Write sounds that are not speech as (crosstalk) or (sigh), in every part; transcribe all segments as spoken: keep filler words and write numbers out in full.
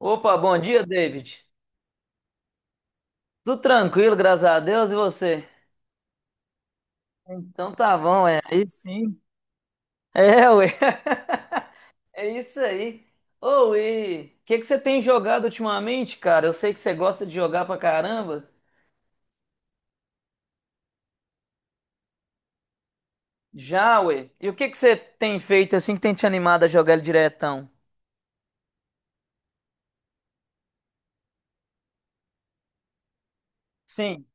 Opa, bom dia, David. Tudo tranquilo, graças a Deus, e você? Então tá bom, é. Aí sim. É, ué. (laughs) É isso aí. Ô, e o que que você tem jogado ultimamente, cara? Eu sei que você gosta de jogar pra caramba. Já, ué. E o que que você tem feito assim que tem te animado a jogar ele diretão? Sim.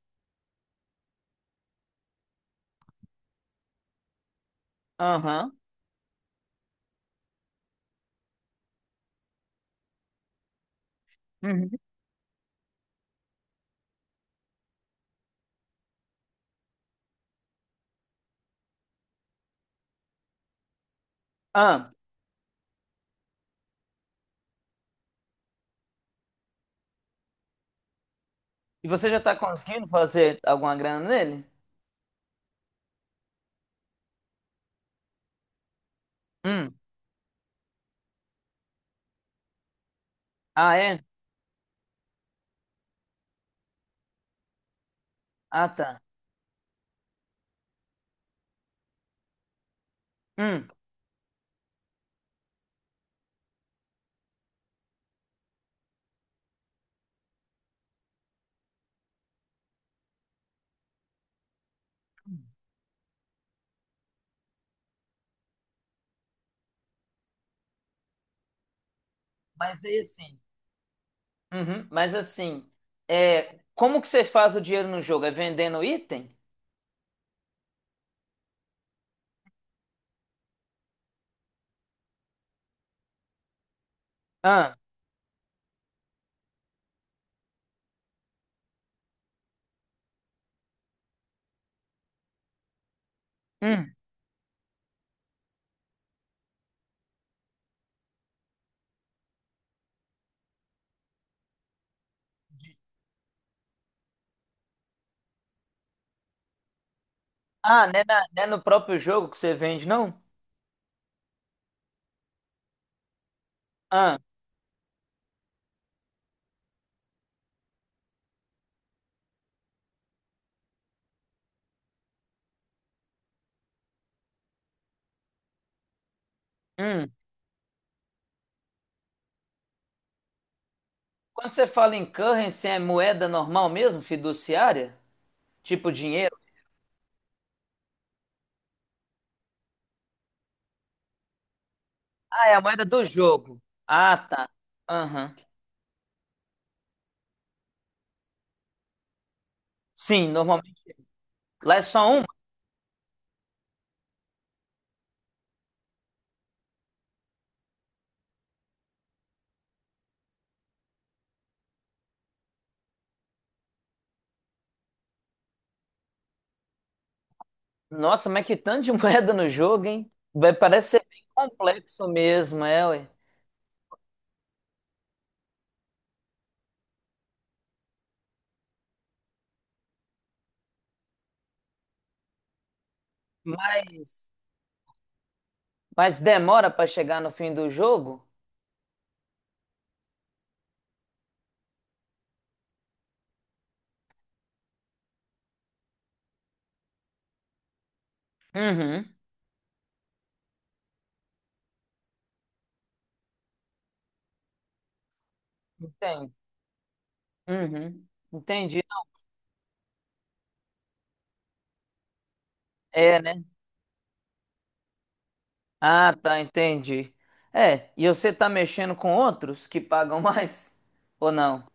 Aham. Uhum. Ah, e você já tá conseguindo fazer alguma grana nele? Hum. Ah, é? Ah, tá. Hum. Mas aí assim. Uhum, mas assim, é, como que você faz o dinheiro no jogo? É vendendo item? Ah, hum. Ah, não é, na- não é no próprio jogo que você vende, não? Ah, hum. Quando você fala em currency, é moeda normal mesmo, fiduciária? Tipo dinheiro? Ah, é a moeda do jogo. Ah, tá. Aham. Sim, normalmente. Lá é só uma. Nossa, mas que tanto de (laughs) moeda no jogo, hein? Vai- Parece ser bem complexo mesmo, é, ué. Mas, mas demora para chegar no fim do jogo? Uhum. Entendi. Uhum. Entendi. É, né? Ah, tá, entendi. É, e você tá mexendo com outros que pagam (laughs) mais? Ou não?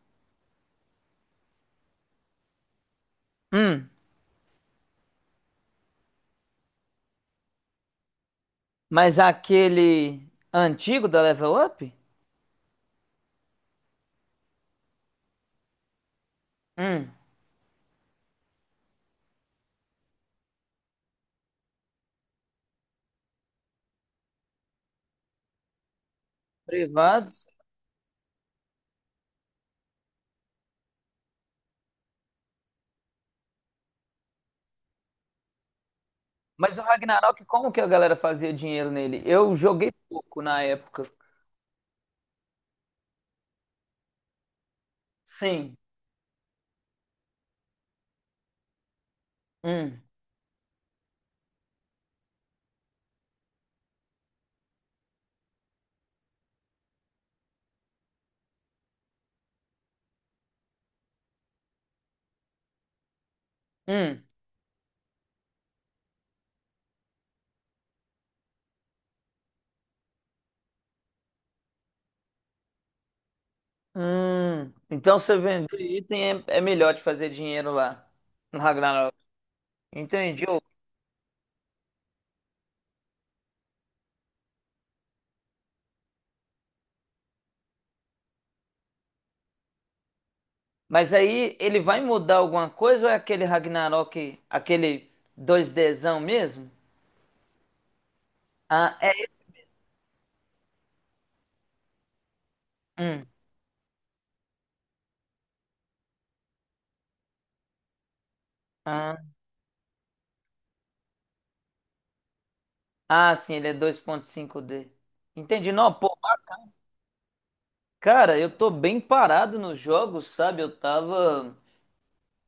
Hum. Mas aquele antigo da Level Up? Hum. Privados. Mas o Ragnarok, como que a galera fazia dinheiro nele? Eu joguei pouco na época. Sim. Hum. Hum. Hum. Então você vender item é, é melhor de fazer dinheiro lá no Ragnarok. Entendi. Mas aí ele vai mudar alguma coisa ou é aquele Ragnarok, aquele dois dzão mesmo? Ah, é. Hum. Ah, ah, sim, ele é dois ponto cinco d. Entendi. Não, pô, cara, eu tô bem parado nos jogos, sabe? Eu tava.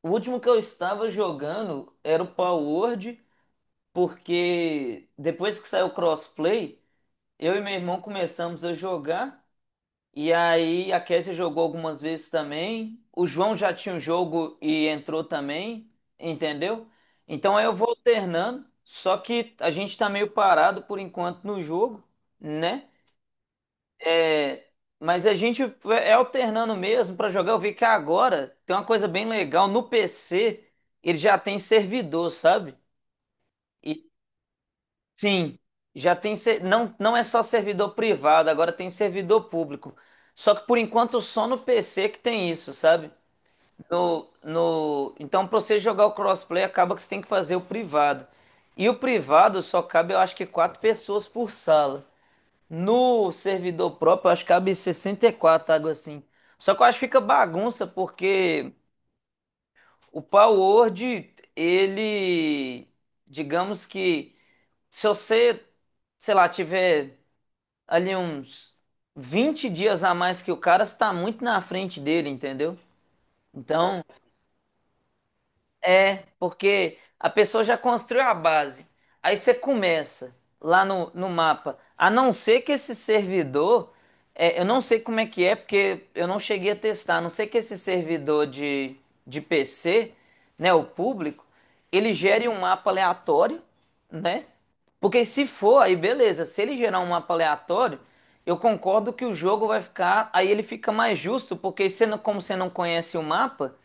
O último que eu estava jogando era o Power Word, porque depois que saiu o crossplay, eu e meu irmão começamos a jogar. E aí a Kézia jogou algumas vezes também. O João já tinha um jogo e entrou também, entendeu? Então aí eu vou alternando, só que a gente tá meio parado por enquanto no jogo, né? É, mas a gente é alternando mesmo pra jogar. Eu vi que agora tem uma coisa bem legal no P C, ele já tem servidor, sabe? Sim, já tem ser- não, não é só servidor privado, agora tem servidor público. Só que por enquanto só no P C que tem isso, sabe? No, no, então para você jogar o crossplay acaba que você tem que fazer o privado. E o privado só cabe, eu acho que quatro pessoas por sala. No servidor próprio, eu acho que cabe sessenta e quatro algo assim. Só que eu acho que fica bagunça porque o Power Word, ele digamos que se você sei lá, tiver ali uns vinte dias a mais que o cara, você tá muito na frente dele, entendeu? Então, é, porque a pessoa já construiu a base. Aí você começa lá no, no mapa. A não ser que esse servidor, é, eu não sei como é que é, porque eu não cheguei a testar. A não ser que esse servidor de, de P C, né, o público, ele gere um mapa aleatório, né? Porque se for, aí beleza. Se ele gerar um mapa aleatório, eu concordo que o jogo vai ficar. Aí ele fica mais justo, porque você não- como você não conhece o mapa.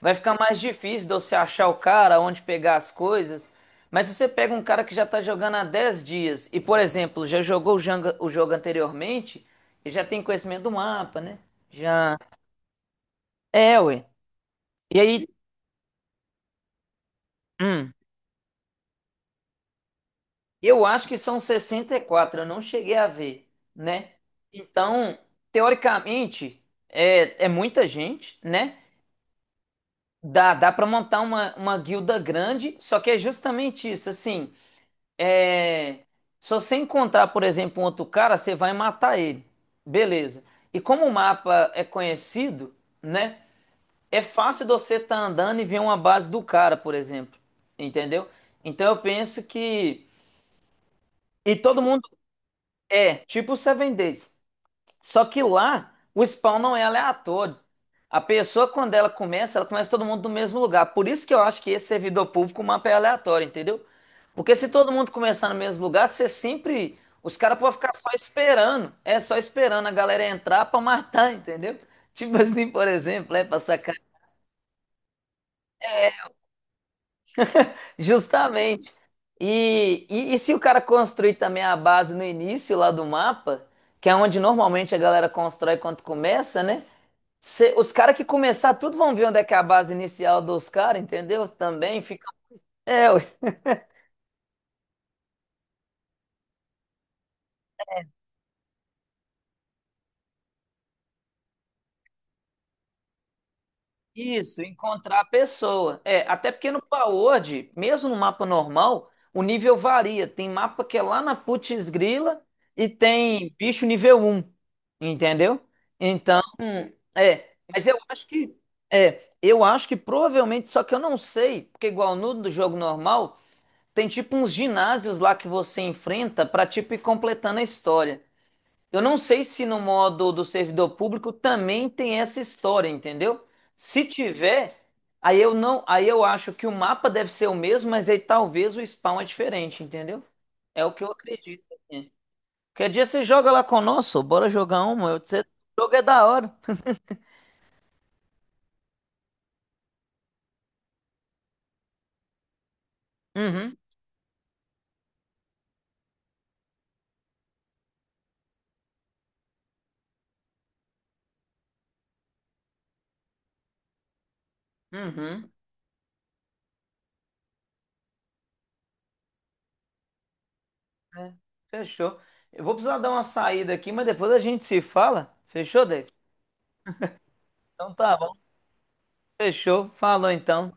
Vai ficar mais difícil de você achar o cara, onde pegar as coisas. Mas se você pega um cara que já está jogando há dez dias e, por exemplo, já jogou o janga- o jogo anteriormente, ele já tem conhecimento do mapa, né? Já. É, ué. E aí, hum, eu acho que são sessenta e quatro, eu não cheguei a ver, né? Então, teoricamente, é, é muita gente, né? Dá, dá para montar uma, uma guilda grande, só que é justamente isso, assim. É, se você encontrar, por exemplo, um outro cara, você vai matar ele. Beleza. E como o mapa é conhecido, né? É fácil de você estar andando e ver uma base do cara, por exemplo. Entendeu? Então eu penso que. E todo mundo. É, tipo o Seven Days. Só que lá o spawn não é aleatório. A pessoa, quando ela começa, ela começa todo mundo do mesmo lugar. Por isso que eu acho que esse servidor público, o mapa é aleatório, entendeu? Porque se todo mundo começar no mesmo lugar, você sempre. Os caras podem ficar só esperando. É só esperando a galera entrar pra matar, (laughs) entendeu? Tipo assim, por exemplo, é pra sacar. Justamente. E, e, e se o cara construir também a base no início lá do mapa, que é onde normalmente a galera constrói quando começa, né? Cê- os caras que começar tudo vão ver onde é que é a base inicial dos caras, entendeu? Também fica. É, ué. Isso, encontrar a pessoa. É, até porque no Power, mesmo no mapa normal, o nível varia. Tem mapa que é lá na putz grila e tem bicho nível um, entendeu? Então, hum, é. Mas eu acho que. É, eu acho que provavelmente, só que eu não sei, porque igual no do jogo normal, tem tipo uns ginásios lá que você enfrenta pra tipo ir completando a história. Eu não sei se no modo do servidor público também tem essa história, entendeu? Se tiver, aí eu não, aí eu acho que o mapa deve ser o mesmo, mas aí talvez o spawn é diferente, entendeu? É o que eu acredito. Assim. Qualquer dia você joga lá conosco, bora jogar uma. Eu, você, o jogo é da hora. Uhum, uhum. É, fechou. Eu vou precisar dar uma saída aqui, mas depois a gente se fala. Fechou, David? Então tá bom. Fechou. Falou então.